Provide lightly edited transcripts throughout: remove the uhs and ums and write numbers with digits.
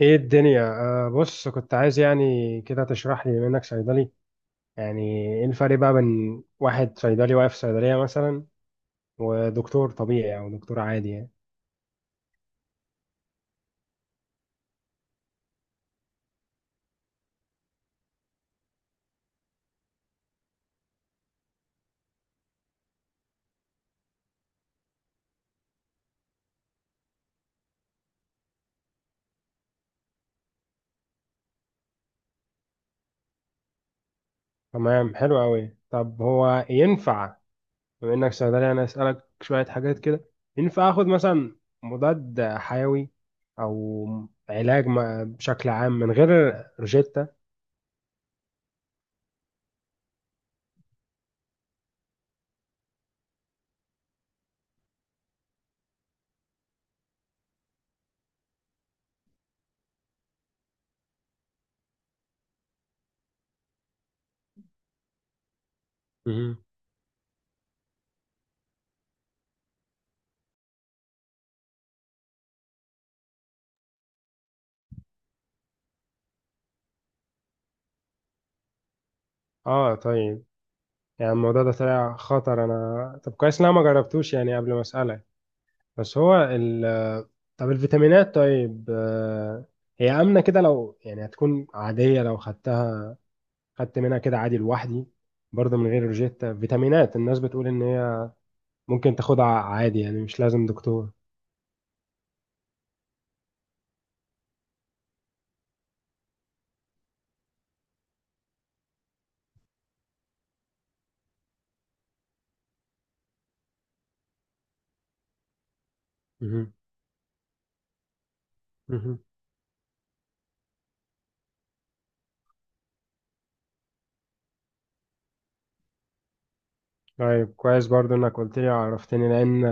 ايه الدنيا آه بص كنت عايز يعني كده تشرح لي بما انك صيدلي. يعني ايه الفرق بقى بين واحد صيدلي واقف في صيدلية مثلا، ودكتور طبيعي او دكتور عادي يعني؟ تمام، حلو قوي. طب هو ينفع بما انك صيدلي انا اسالك شوية حاجات كده؟ ينفع اخد مثلا مضاد حيوي او علاج بشكل عام من غير روجيتا؟ مهم. اه، طيب. يعني الموضوع ده طلع خطر، انا طب كويس إن انا ما جربتوش يعني قبل ما اسالك. بس هو ال طب الفيتامينات طيب. هي آمنة كده لو يعني هتكون عادية لو خدتها، خدت منها كده عادي لوحدي برضه من غير روجيتا. فيتامينات الناس بتقول إن هي ممكن تاخدها عادي يعني مش لازم دكتور. مهم. مهم. طيب كويس برضه إنك قلت لي، عرفتني، لأن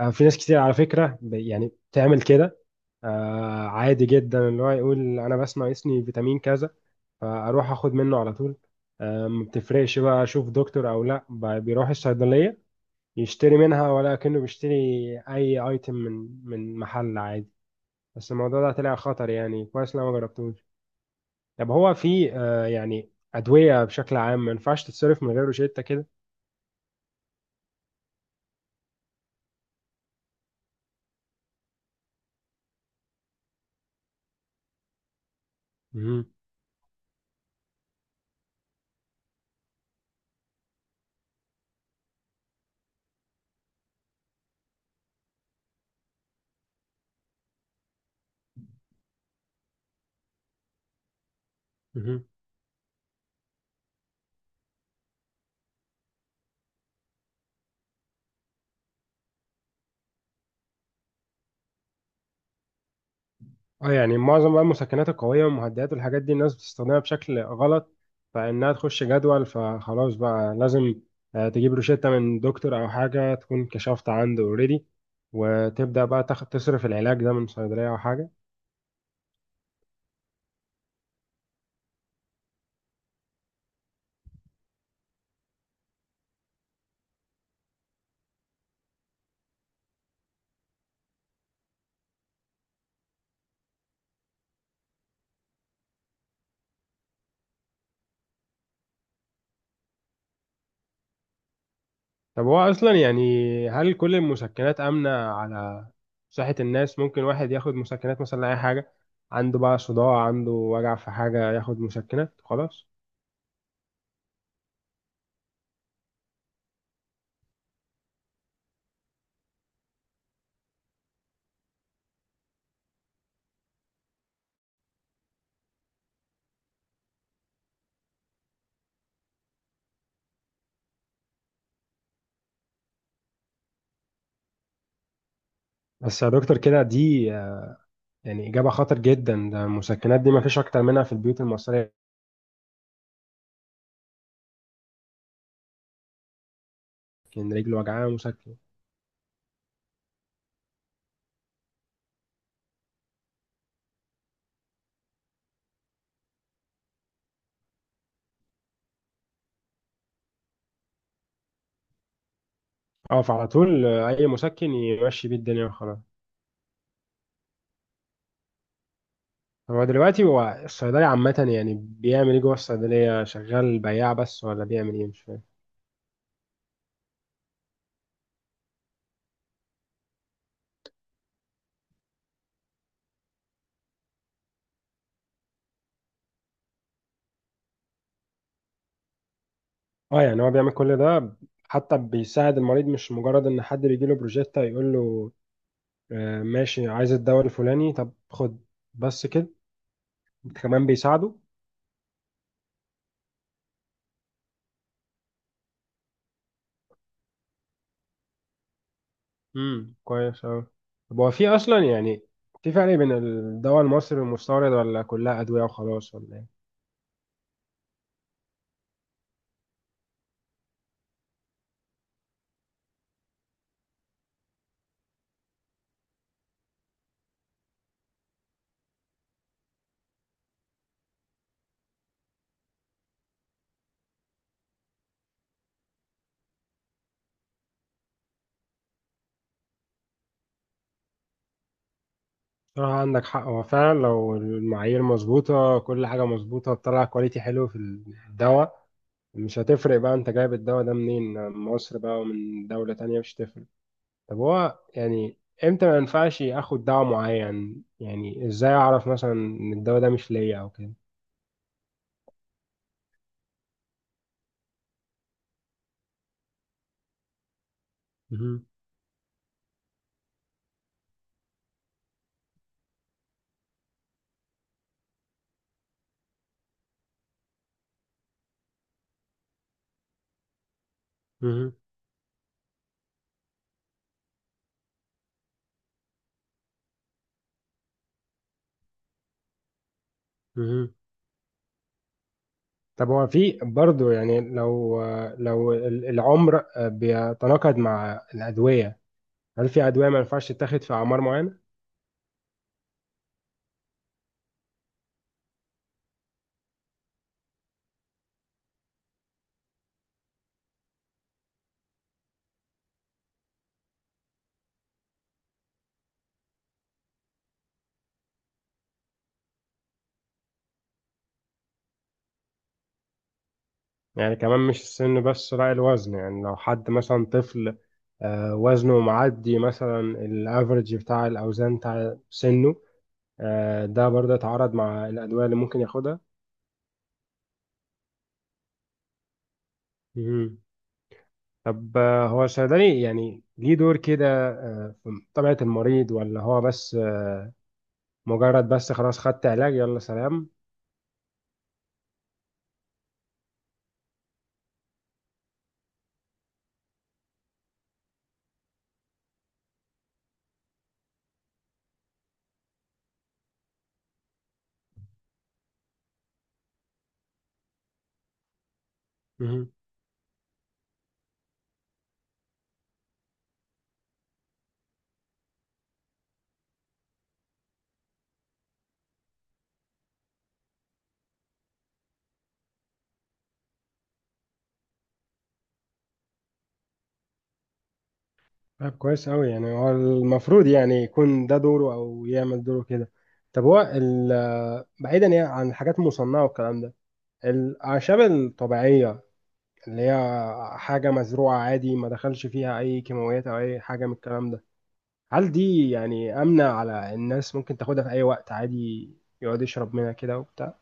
في ناس كتير على فكرة يعني بتعمل كده. عادي جدا اللي هو يقول أنا بس ناقصني فيتامين كذا فأروح أخد منه على طول. ما بتفرقش بقى أشوف دكتور أو لأ، بيروح الصيدلية يشتري منها ولا كأنه بيشتري أي أيتم من محل عادي. بس الموضوع ده طلع خطر، يعني كويس إن أنا ما جربتوش. طب هو في يعني أدوية بشكل عام ما ينفعش تتصرف من غير روشتة كده؟ مهم. مهم. اه، يعني معظم بقى المسكنات القوية والمهدئات والحاجات دي الناس بتستخدمها بشكل غلط، فإنها تخش جدول فخلاص بقى لازم تجيب روشتة من دكتور أو حاجة تكون كشفت عنده اوريدي، وتبدأ بقى تاخد تصرف العلاج ده من صيدلية أو حاجة. طب هو اصلا يعني هل كل المسكنات امنه على صحه الناس؟ ممكن واحد ياخد مسكنات مثلا لاي حاجه عنده، بقى صداع عنده وجع في حاجه ياخد مسكنات خلاص؟ بس يا دكتور كده، دي يعني اجابه خطر جدا. ده المسكنات دي ما فيش اكتر منها في البيوت المصريه. لكن رجل وجعها مسكن. اه، فعلى طول اي مسكن يمشي بيه الدنيا وخلاص. طب هو دلوقتي هو الصيدلي عامه يعني بيعمل ايه جوه الصيدليه؟ شغال بياع بس ولا بيعمل ايه؟ مش فاهم. اه، يعني هو بيعمل كل ده، حتى بيساعد المريض، مش مجرد ان حد بيجي له بروجيكت يقول له ماشي، عايز الدواء الفلاني، طب خد، بس كده. كمان بيساعده. كويس اوي. طب هو في اصلا يعني في فرق بين الدواء المصري والمستورد، ولا كلها ادويه وخلاص ولا ايه؟ صراحة عندك حق، هو فعلا لو المعايير مظبوطة كل حاجة مظبوطة، بتطلع كواليتي حلو في الدواء. مش هتفرق بقى انت جايب الدواء ده منين، من مصر بقى ومن دولة تانية، مش هتفرق. طب هو يعني امتى ما ينفعش اخد دواء معين؟ يعني ازاي اعرف مثلا ان الدواء ده مش ليا او كده؟ مهم. مهم. مهم. طب هو في برضه يعني لو العمر بيتناقض مع الأدوية، هل في أدوية ما ينفعش تتاخد في أعمار معينة؟ يعني كمان مش السن بس، لا الوزن. يعني لو حد مثلا طفل وزنه معدي مثلا الافرج بتاع الأوزان بتاع سنه، ده برضه اتعارض مع الأدوية اللي ممكن ياخدها. طب هو الصيدلي يعني ليه دور كده في طبيعة المريض، ولا هو بس مجرد بس خلاص خدت علاج يلا سلام؟ مهم. طب كويس أوي، يعني هو المفروض يعني يكون ده دوره أو يعمل دوره كده. طب هو بعيدا يعني عن الحاجات المصنعة والكلام ده، الأعشاب الطبيعية اللي هي حاجة مزروعة عادي ما دخلش فيها أي كيماويات أو أي حاجة من الكلام ده، هل دي يعني آمنة على الناس؟ ممكن تاخدها في أي وقت عادي، يقعد يشرب منها كده وبتاع؟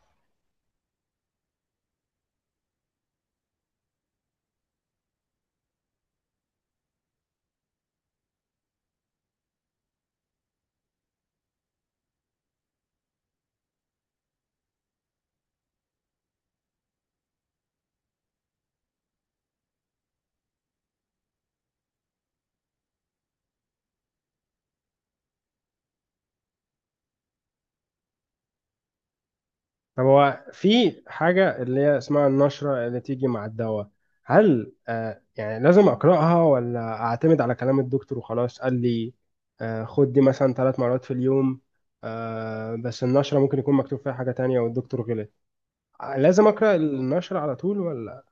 طب هو في حاجة اللي هي اسمها النشرة اللي تيجي مع الدواء، هل يعني لازم أقرأها ولا أعتمد على كلام الدكتور وخلاص؟ قال لي خد دي مثلا 3 مرات في اليوم، بس النشرة ممكن يكون مكتوب فيها حاجة تانية والدكتور غلط. لازم أقرأ النشرة على طول ولا؟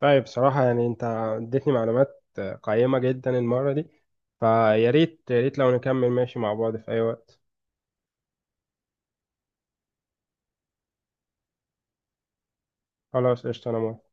طيب صراحة يعني أنت اديتني معلومات قيمة جدا المرة دي، فيا ريت، يا ريت لو نكمل ماشي مع بعض في أي وقت. خلاص، قشطة. أنا موافق.